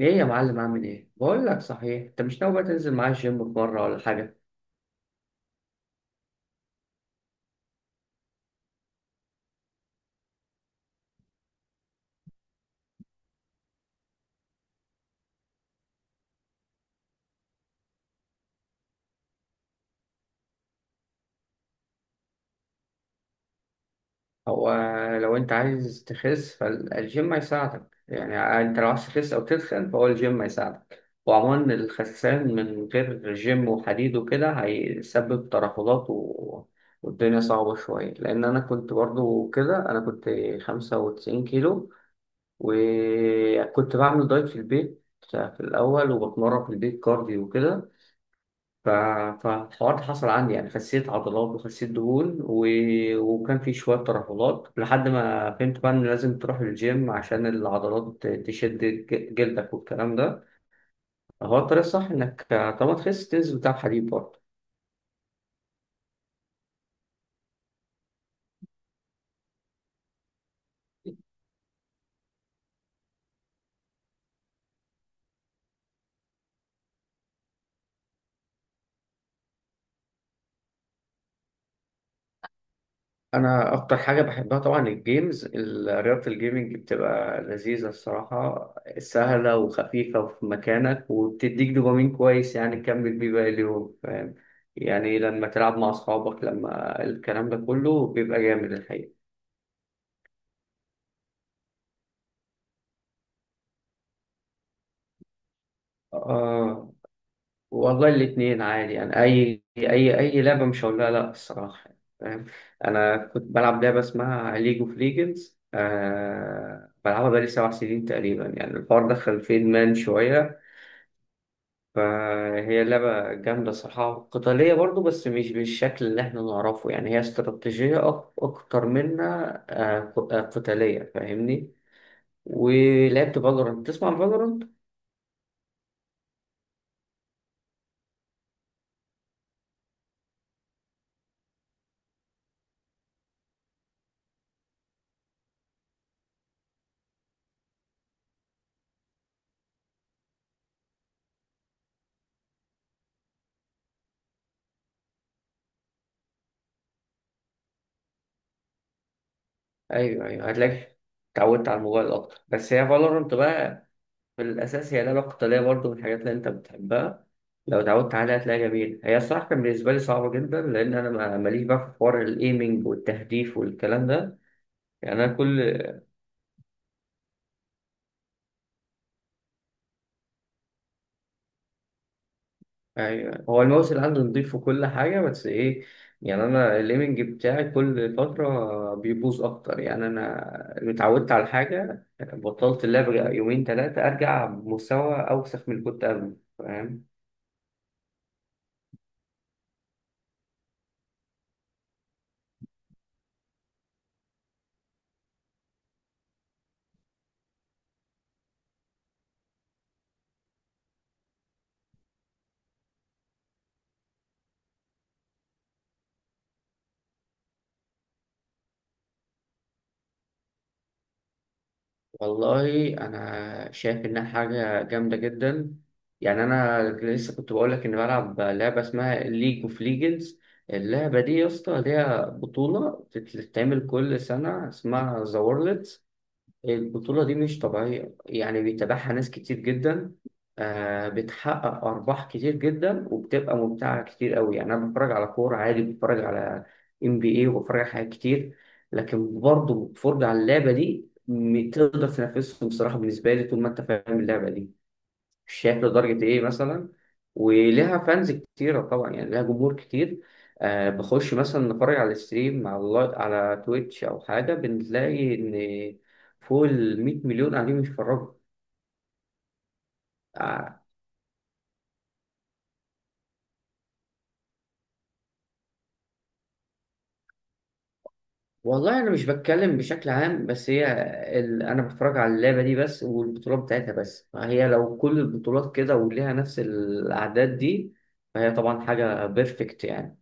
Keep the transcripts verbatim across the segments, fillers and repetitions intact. ايه يا معلم، عامل ايه؟ بقول لك صحيح، انت مش ناوي بقى تنزل معايا الجيم في مره ولا حاجه؟ هو لو انت عايز تخس فالجيم هيساعدك يعني. انت لو عايز تخس او تدخن فهو الجيم هيساعدك. وعموما الخسسان من غير جيم وحديد وكده هيسبب ترهلات و... والدنيا صعبة شوية. لأن أنا كنت برضو كده، أنا كنت خمسة وتسعين كيلو وكنت بعمل دايت في البيت في الأول وبتمرن في البيت كارديو وكده. ف- فالحوار ده حصل عندي، يعني خسيت عضلات وخسيت دهون و... وكان في شوية ترهلات، لحد ما فهمت بقى إن لازم تروح للجيم عشان العضلات تشد ج- جلدك والكلام ده. هو الطريقة الصح إنك طالما تخس تنزل بتاع حديد برضه. انا اكتر حاجه بحبها طبعا الجيمز، ال- رياضه الجيمنج بتبقى لذيذه الصراحه، سهله وخفيفه وفي مكانك وبتديك دوبامين كويس يعني تكمل بيه باقي اليوم، فاهم؟ يعني لما تلعب مع اصحابك، لما الكلام ده كله بيبقى جامد الحقيقه. آه، والله الاتنين عادي يعني، اي اي اي لعبه مش هقول لها لا الصراحه، فاهم؟ انا كنت بلعب لعبه اسمها ليج اوف ليجندز، آه بلعبها بقالي سبع سنين تقريبا. يعني الحوار دخل في ادمان شويه. فهي لعبة جامدة صراحة، قتالية برضو بس مش بالشكل اللي احنا نعرفه، يعني هي استراتيجية أك- أكتر منها، آه، ق- آه، قتالية، فاهمني؟ ولعبت فالورانت. تسمع فالورانت؟ أيوه أيوه، هتلاقيك اتعودت على الموبايل أكتر. بس هي فالورانت بقى في الأساس هي لعبة قتالية برضو، من الحاجات اللي أنت بتحبها. لو اتعودت عليها هتلاقيها جميلة. هي الصراحة كان بالنسبة لي صعبة جدا، لأن أنا ما- ماليش بقى في حوار الإيمينج والتهديف والكلام ده. يعني أنا كل. ايوه، هو الماوس اللي عندي نضيف وكل حاجه، بس ايه؟ يعني انا الليمنج بتاعي كل فتره بيبوظ اكتر. يعني انا اتعودت على حاجه، بطلت اللعب يومين ثلاثه، ارجع بمستوى اوسخ من اللي كنت قبله، فاهم؟ والله انا شايف انها حاجه جامده جدا. يعني انا لسه كنت بقول لك اني بلعب لعبه اسمها ليج اوف ليجندز. اللعبه دي يا اسطى ليها بطوله بتتعمل كل سنه اسمها ذا وورلد. البطولة دي مش طبيعية، يعني بيتابعها ناس كتير جدا. آه، بتحقق أرباح كتير جدا وبتبقى ممتعة كتير قوي. يعني أنا بتفرج على كورة عادي، بتفرج على ام بي اي وبتفرج على حاجات كتير. لكن برضه الفرجة على اللعبة دي م- تقدر تنافسهم بصراحة. بالنسبة لي طول ما أنت فاهم اللعبة دي، شاف لدرجة إيه مثلا. ولها فانز كتيرة طبعا، يعني لها جمهور كتير. آه، بخش مثلا نتفرج على الستريم، على اللاي- على تويتش أو حاجة، بنلاقي إن فوق ال 100 مليون قاعدين بيتفرجوا. آه، والله أنا مش بتكلم بشكل عام بس هي ال... أنا بتفرج على اللعبة دي بس والبطولات بتاعتها بس. فهي لو كل البطولات كده وليها نفس الأعداد دي فهي طبعا حاجة بيرفكت يعني.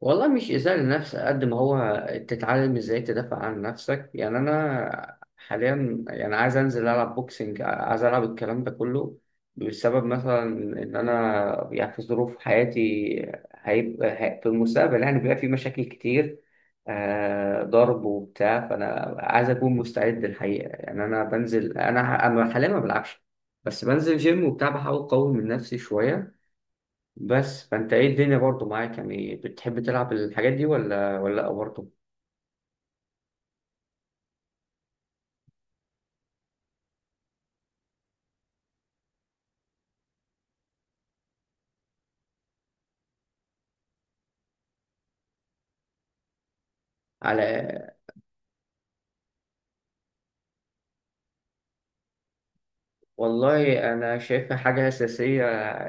والله مش إزاء للنفس قد ما هو تتعلم إزاي تدافع عن نفسك. يعني أنا حاليا يعني عايز أنزل ألعب بوكسنج، عايز ألعب الكلام ده كله بسبب مثلا إن أنا يعني في ظروف حياتي هيبقى هي- في المستقبل يعني بيبقى في مشاكل كتير، آه، ضرب وبتاع. فأنا عايز أكون مستعد الحقيقة. يعني أنا بنزل، أنا ح- أنا حاليا ما بلعبش، بس بنزل جيم وبتاع بحاول أقوي من نفسي شوية. بس فانت ايه الدنيا برضو معاك؟ يعني بتحب تلعب الحاجات دي ولا ولا لأ برضو؟ على والله أنا شايفها حاجة أساسية.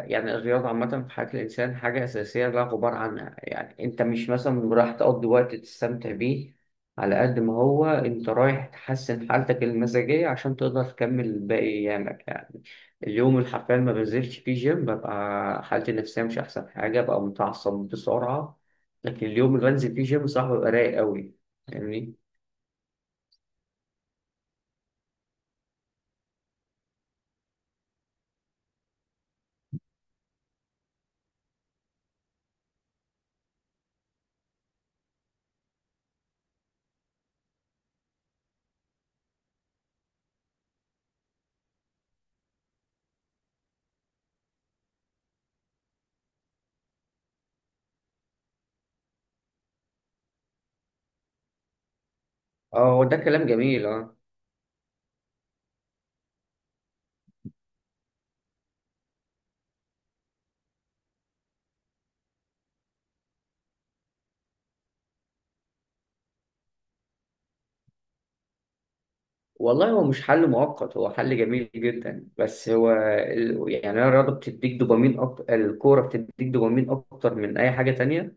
يعني الرياضة عامة في حياة الإنسان حاجة أساسية لا غبار عنها. يعني أنت مش مثلا رايح تقضي وقت تستمتع بيه، على قد ما هو أنت رايح تحسن حالتك المزاجية عشان تقدر تكمل باقي أيامك يعني. اليوم اللي حرفيا ما بنزلش فيه جيم ببقى حالتي النفسية مش أحسن حاجة، ببقى متعصب بسرعة. لكن اليوم اللي بنزل فيه جيم صح ببقى رايق أوي، فاهمني؟ أه، هو ده كلام جميل، أه. والله هو مش حل مؤقت، هو حل جميل جدا. بس هو ال... يعني أنا الرياضة بتديك دوبامين أكتر، الكورة بتديك دوبامين أكتر من أي حاجة تانية.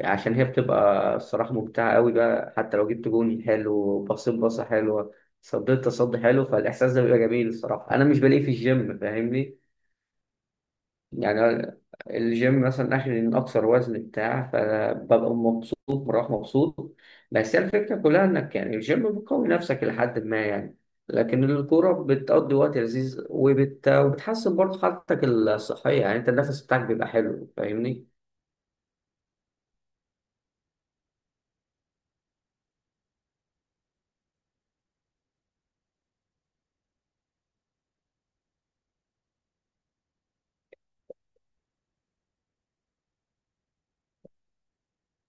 عشان هي بتبقى الصراحة ممتعة قوي بقى، حتى لو جبت جون حلو، بصيت بصة حلوة، صديت تصدي حلو، فالإحساس ده بيبقى جميل الصراحة، أنا مش بلاقيه في الجيم، فاهمني؟ يعني الجيم مثلا اخر من اكثر وزن بتاع فببقى مبسوط، بروح مبسوط. بس هي الفكره كلها انك يعني الجيم بتقوي نفسك لحد ما يعني. لكن الكوره بتقضي وقت لذيذ، وبت... وبتحسن برضه حالتك الصحيه، يعني انت النفس بتاعك بيبقى حلو، فاهمني؟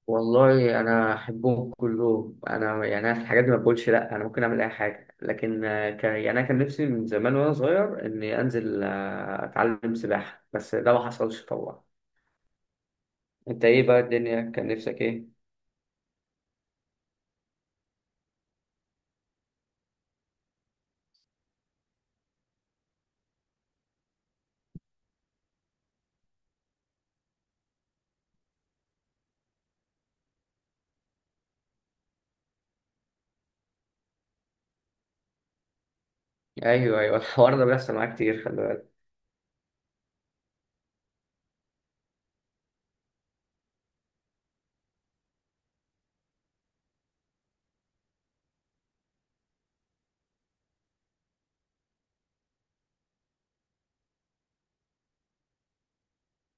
والله انا احبهم كلهم. انا يعني أنا في الحاجات دي ما بقولش لا، انا ممكن اعمل اي حاجه. لكن آه، ك... يعني انا كان نفسي من زمان وانا صغير اني انزل آه، اتعلم سباحه بس ده ما حصلش طبعا. انت ايه بقى الدنيا، كان نفسك ايه؟ ايوه ايوه الحوار ده بيحصل معايا كتير، خلي بالك.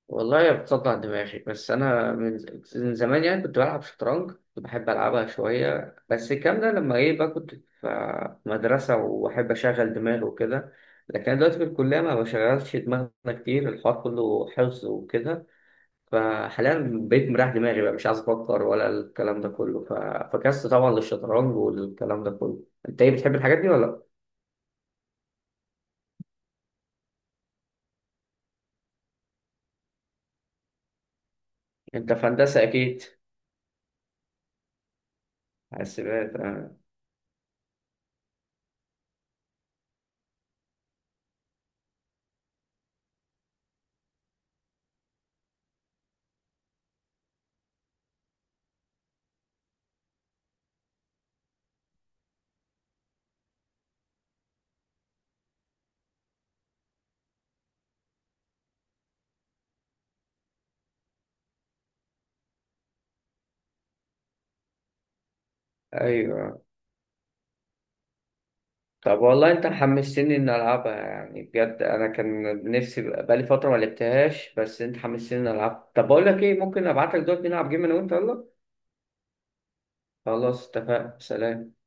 والله بتصدع دماغي. بس انا من ز- من زمان يعني كنت بلعب شطرنج، كنت بحب العبها شويه. بس الكلام ده لما ايه بقى؟ كنت في مدرسه واحب اشغل دماغي وكده. لكن أنا دلوقتي في الكليه ما بشغلش دماغنا كتير، الحوار كله حفظ وكده. فحاليا بقيت مريح دماغي بقى، مش عايز افكر ولا الكلام ده كله. ف... فكست طبعا للشطرنج والكلام ده كله. انت ايه بتحب الحاجات دي ولا لأ؟ انت في هندسه اكيد. حاسبات، آه. ايوه. طب والله انت حمستني ان العبها يعني، بجد انا كان نفسي بقى- بقالي فتره ما لعبتهاش بس انت حمستني ان العبها. طب بقول لك ايه، ممكن ابعت لك دلوقتي نلعب جيم انا وانت؟ يلا. خلاص اتفقنا، سلام.